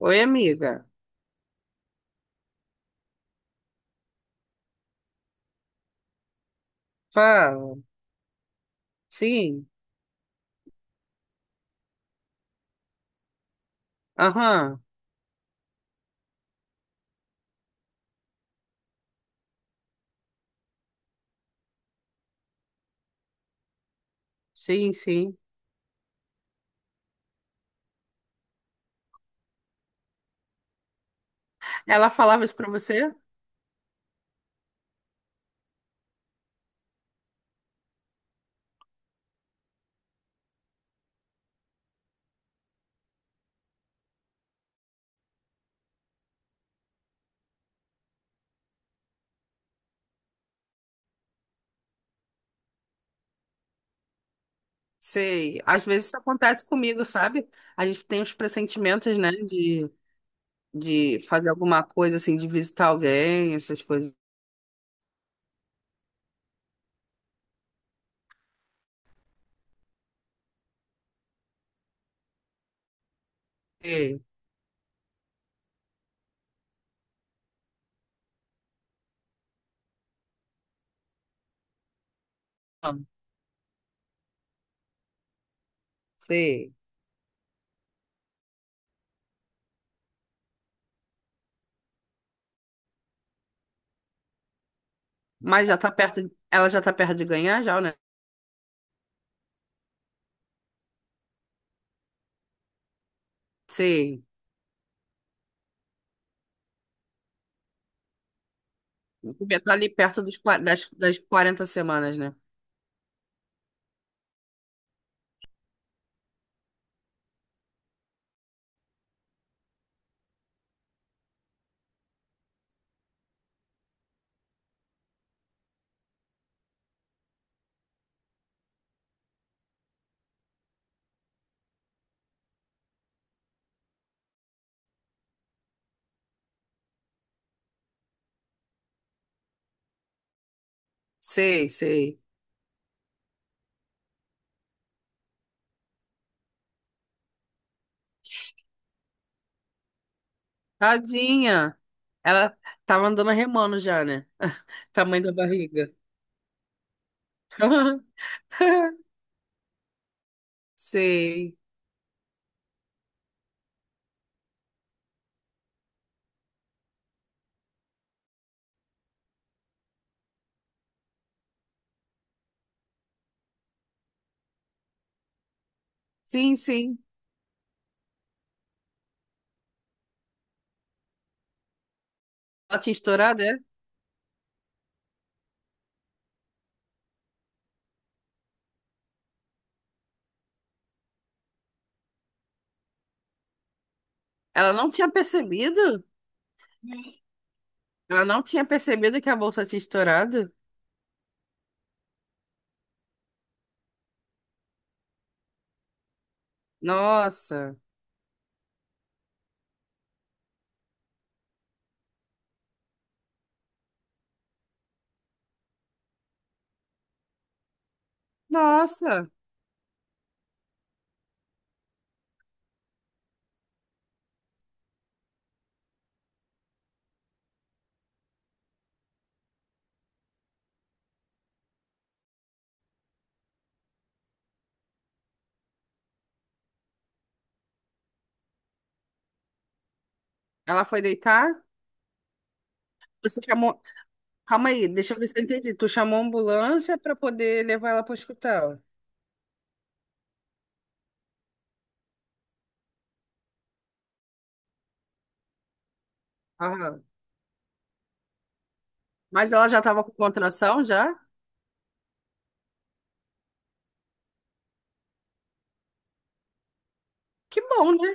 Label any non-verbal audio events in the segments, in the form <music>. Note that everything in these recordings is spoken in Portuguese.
Oi, amiga. Fala. Sim. Aham. Sim, sim. Ela falava isso pra você? Sei. Às vezes isso acontece comigo, sabe? A gente tem uns pressentimentos, né? De fazer alguma coisa, assim, de visitar alguém, essas coisas. Sei. Ah. Sei. Mas já tá perto. Ela já tá perto de ganhar, já, né? Sei. Já tá ali perto das 40 semanas, né? Sei, sei. Tadinha. Ela tá mandando remando já, né? <laughs> Tamanho da barriga. <laughs> Sei. Sim, sim. Ela tinha estourado, é? Ela não tinha percebido? Ela não tinha percebido que a bolsa tinha estourado? Nossa. Nossa. Ela foi deitar? Você chamou. Calma aí, deixa eu ver se eu entendi. Tu chamou a ambulância pra poder levar ela pro hospital. Aham. Mas ela já tava com contração já? Que bom, né?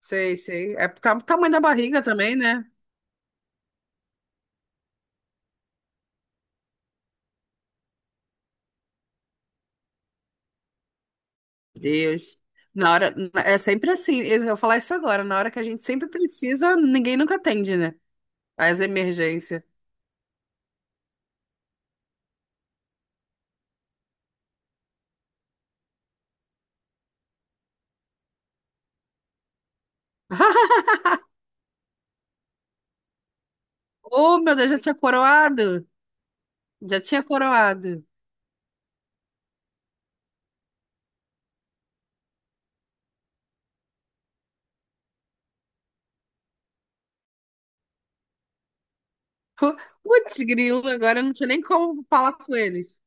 Sei, sei. É, tamanho da barriga também, né? Deus. Na hora, é sempre assim. Eu vou falar isso agora. Na hora que a gente sempre precisa, ninguém nunca atende, né? As emergências. <laughs> Oh, meu Deus, já tinha coroado. Já tinha coroado. <laughs> Pu- Putz, grilo, agora eu não tinha nem como falar com eles.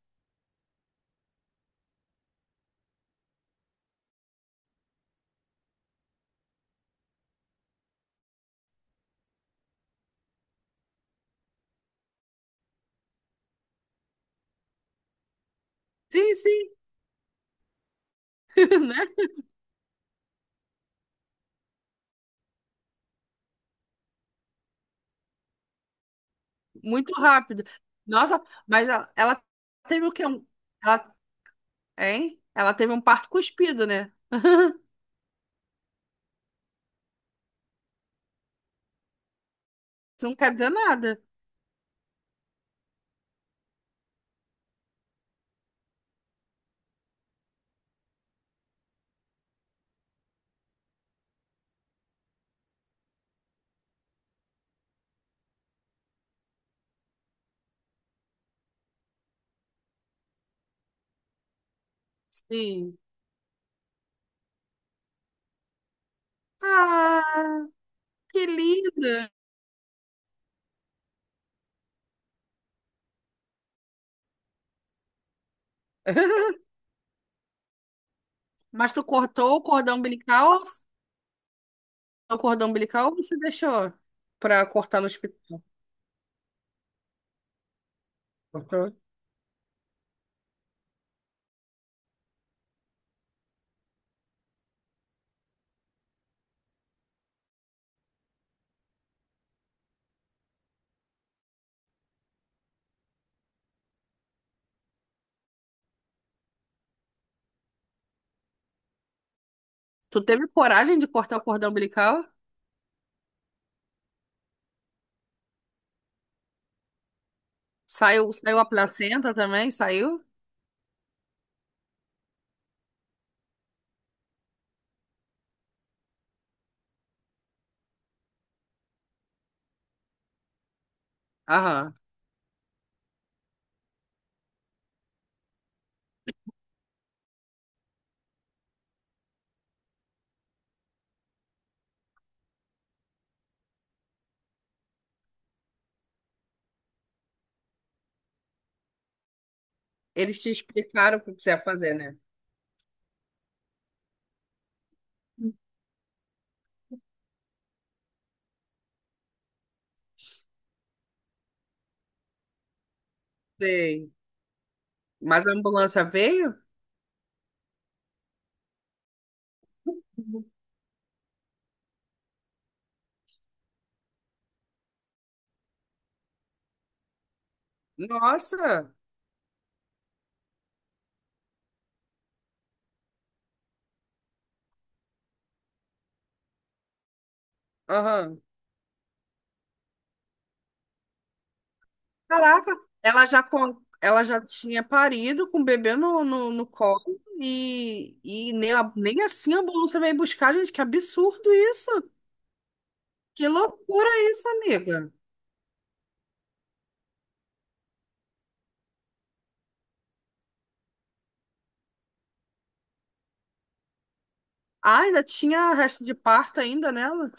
Sim, sim, <laughs> né? Muito rápido. Nossa, mas ela teve o quê? Ela, hein? Ela teve um parto cuspido, né? <laughs> Isso não quer dizer nada. Sim. Ah, que linda. Mas tu cortou o cordão umbilical? O cordão umbilical ou você deixou pra cortar no hospital? Cortou. Tu teve coragem de cortar o cordão umbilical? Saiu a placenta também? Saiu? Aham. Eles te explicaram o que que você ia fazer, né? Sei. Mas a ambulância veio? Nossa! Aham. Caraca, ela já tinha parido com o bebê no colo e nem, nem assim a ambulância veio buscar, gente. Que absurdo isso! Que loucura isso, amiga. Ah, ainda tinha resto de parto ainda nela?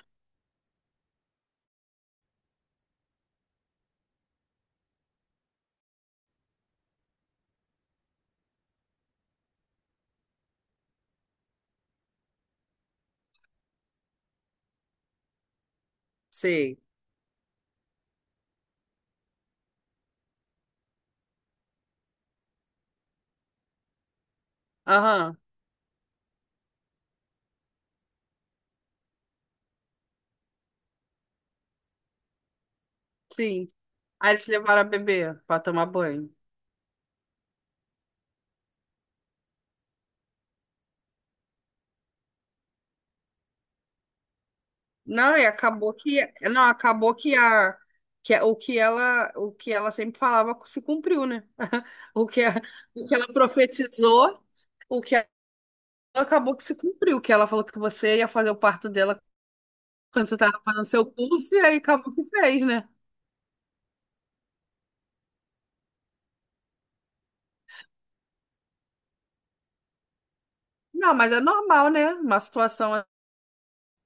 Sei. Aham, sim. Aí eles levaram a bebê pra tomar banho. Não, e acabou que não, acabou que a- o que ela sempre falava se cumpriu, né? <laughs> O que a- o que ela profetizou, o que ela acabou que se cumpriu, que ela falou que você ia fazer o parto dela quando você estava fazendo seu curso e aí acabou que fez, né? Não, mas é normal, né? Uma situação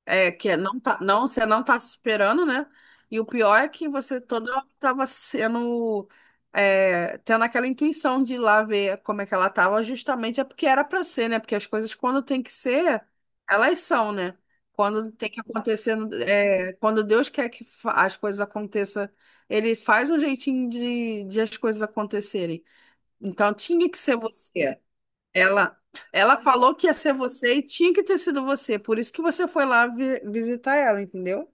É que não tá, não, você não tá se esperando, né? E o pior é que você toda hora tava tendo aquela intuição de ir lá ver como é que ela tava, justamente é porque era pra ser, né? Porque as coisas quando tem que ser, elas são, né? Quando tem que acontecer, quando Deus quer que as coisas aconteçam, ele faz um jeitinho de as coisas acontecerem. Então tinha que ser você. Ela, ela falou que ia ser você e tinha que ter sido você. Por isso que você foi lá visitar ela, entendeu?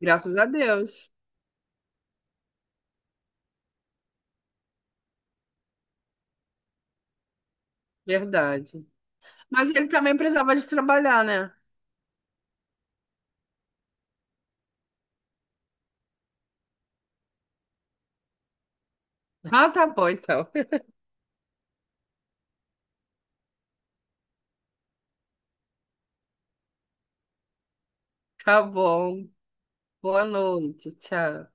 Graças a Deus. Verdade. Mas ele também precisava de trabalhar, né? Ah, tá bom, então. <laughs> Tá bom. Boa noite. Tchau.